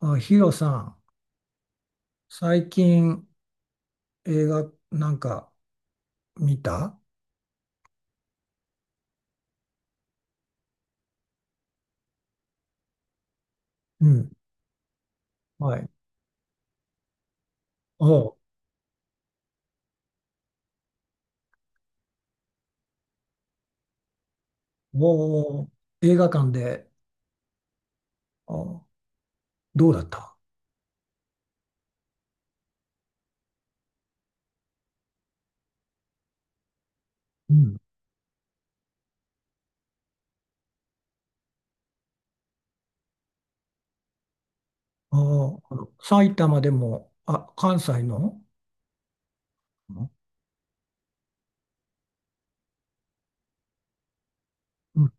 あ、ヒロさん、最近映画なんか見た？うん。はい。おう、おう。映画館で？あ、どうだった？うん。あ、あの埼玉でも、あ、関西の。うん。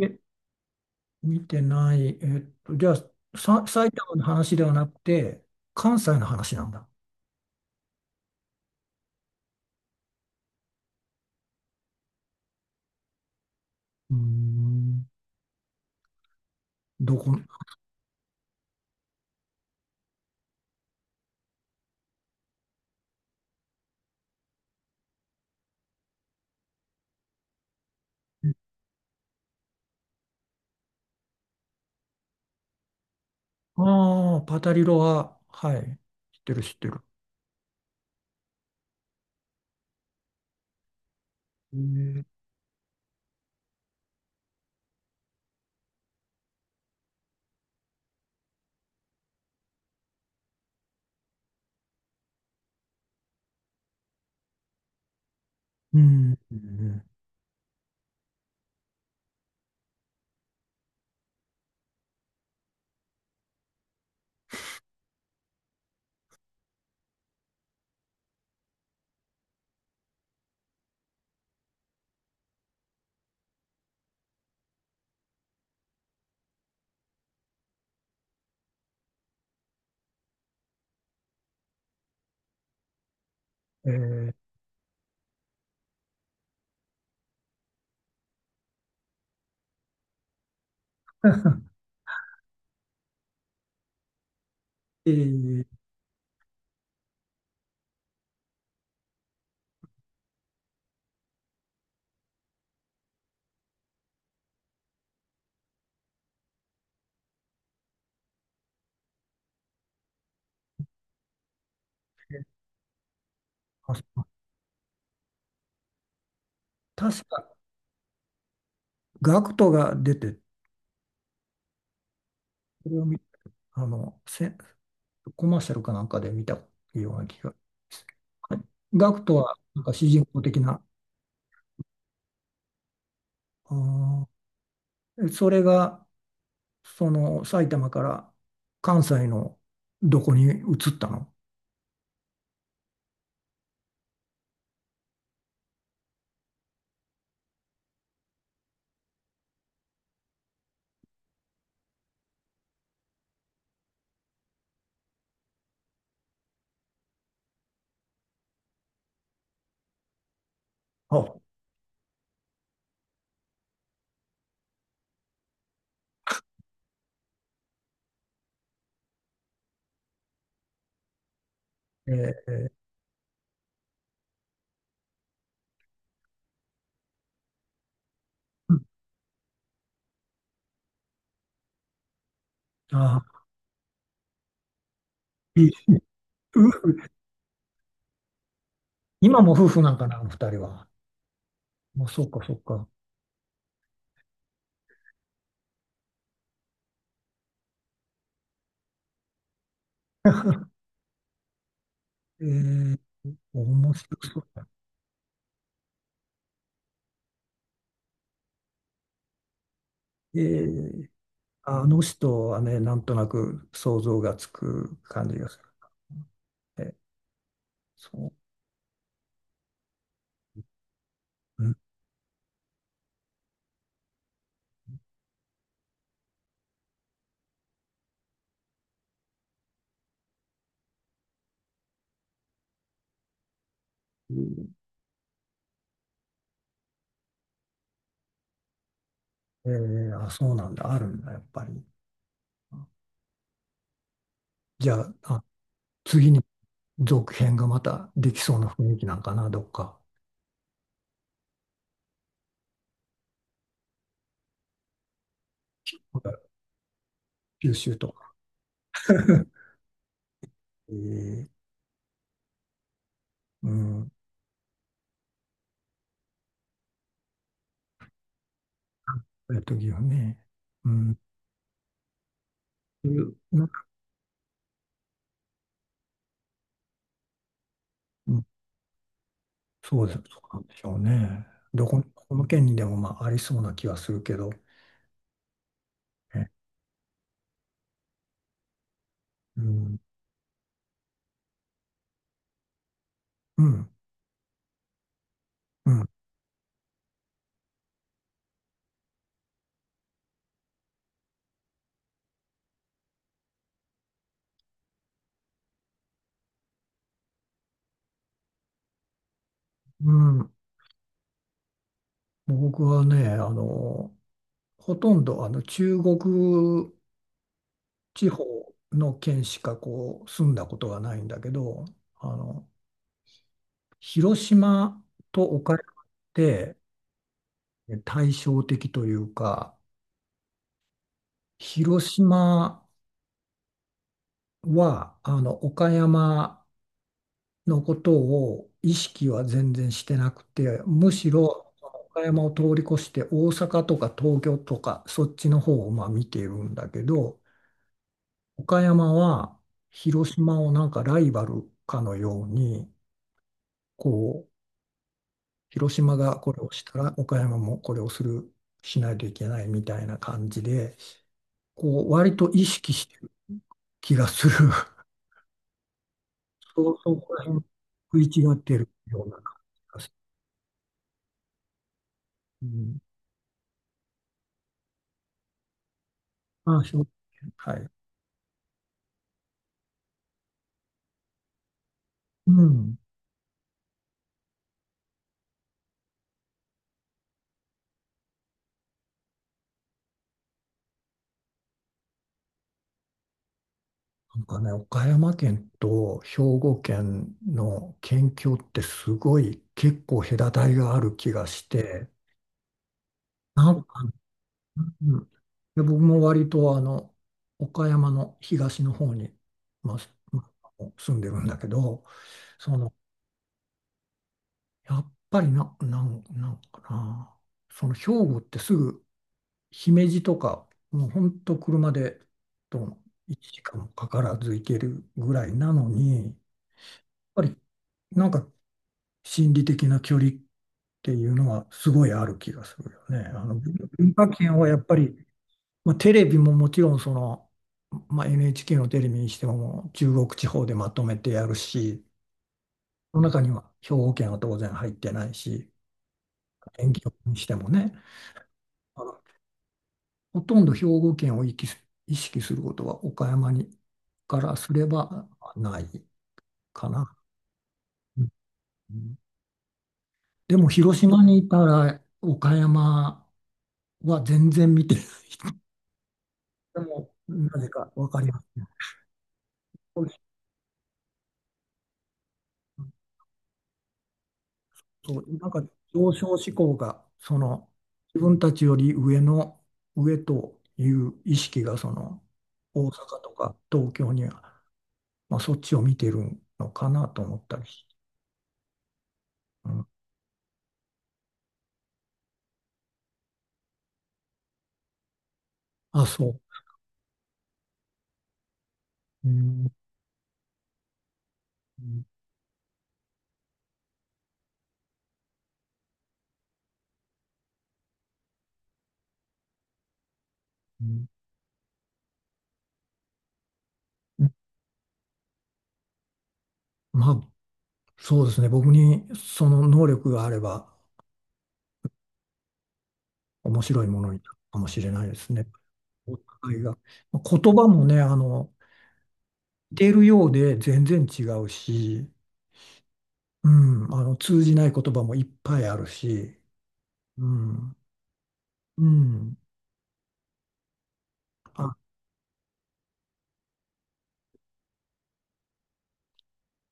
え、見てない。じゃあ、埼玉の話ではなくて、関西の話なんだ。うーん。どこ。ああ、パタリロは、はい。知ってる、知ってる。へえ。うん。うん。えーえーあ、そう。確か、ガクトが出て、それを見あの、せ、コマーシャルかなんかで見たような気がしまする。はい。ガクトは、なんか主人公的な、あそれが、その、埼玉から関西のどこに移ったの？あ、えーあいい。う。今も夫婦なんかな、あの二人は？もう、そっか、そっか。えー、面白そうだ。えー。あの人はね、なんとなく想像がつく感じがする。え、そう。うん。えー、あ、そうなんだ。あるんだ、やっぱり。じゃあ、あ、次に続編がまたできそうな雰囲気なんかな、どっか。九州とか。えー、うん。岐阜ね。うん。そういう、なんか。うん、そうです。そうなんでしょうね。どこ、この県にでもまあありそうな気はするけど。え。うん。うん。うん。うん。もう僕はね、あの、ほとんどあの中国地方の県しかこう住んだことがないんだけど、あの、広島と岡山って対照的というか、広島はあの岡山のことを意識は全然してなくて、むしろ岡山を通り越して大阪とか東京とかそっちの方をまあ見ているんだけど、岡山は広島をなんかライバルかのように、こう、広島がこれをしたら岡山もこれをする、しないといけないみたいな感じで、こう、割と意識してる気がする。そう、そこら辺食い違ってるような感じがする。うん。まあ、兵庫県。はい。うん。なんかね、岡山県と兵庫県の県境ってすごい結構隔たりがある気がして、なんかね。うん、で僕も割とあの岡山の東の方に、まあ、まあ住んでるんだけど、そのやっぱりな、なんかな、その兵庫ってすぐ姫路とかもうほんと車でと1時間もかからず行けるぐらいなのにやっぱりなんか心理的な距離っていうのはすごいある気がするよね。あの文化圏はやっぱり、まあ、テレビももちろんその、まあ、NHK のテレビにしてももう中国地方でまとめてやるし、その中には兵庫県は当然入ってないし、遠近にしてもね、あのほとんど兵庫県を意識することは岡山にからすればないかな。うん。でも広島にいたら岡山は全然見てない、でもなぜか分かりますね。そう、なんか上昇志向が、その、自分たちより上の、上という意識が、その、大阪とか東京には、まあ、そっちを見てるのかなと思ったりして、うん、あ、そう。うん、うん、うん。まあ、そうですね。僕にその能力があれば、面白いものになるかもしれないですね。お互いが。まあ言葉もね、あの、似てるようで全然違うし、うん、あの通じない言葉もいっぱいあるし、うん、うん、あ、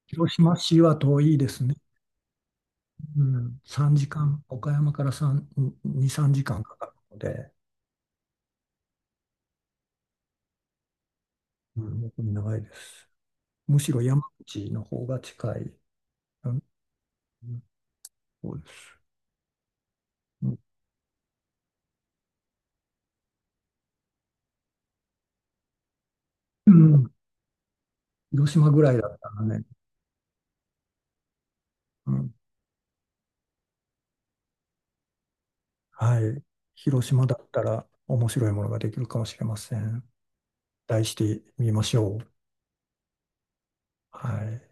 広島市は遠いですね。うん、3時間、岡山から3、2、3時間かんかかるので、うん、僕に長いです。むしろ山口の方が近い。うん、そうです。うん、うん、広島ぐらいだったらね、うん、はい、広島だったら面白いものができるかもしれません。題してみましょう。はい。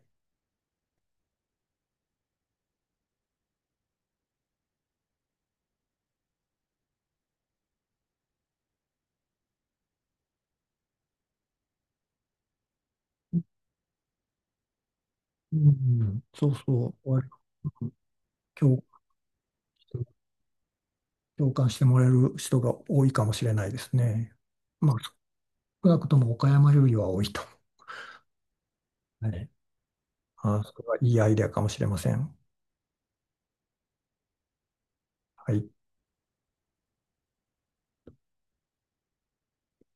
うん、そうそう。終わり、共、共感してもらえる人が多いかもしれないですね。まあ、少なくとも岡山よりは多いと。はい。あ、それはいいアイデアかもしれません。はい。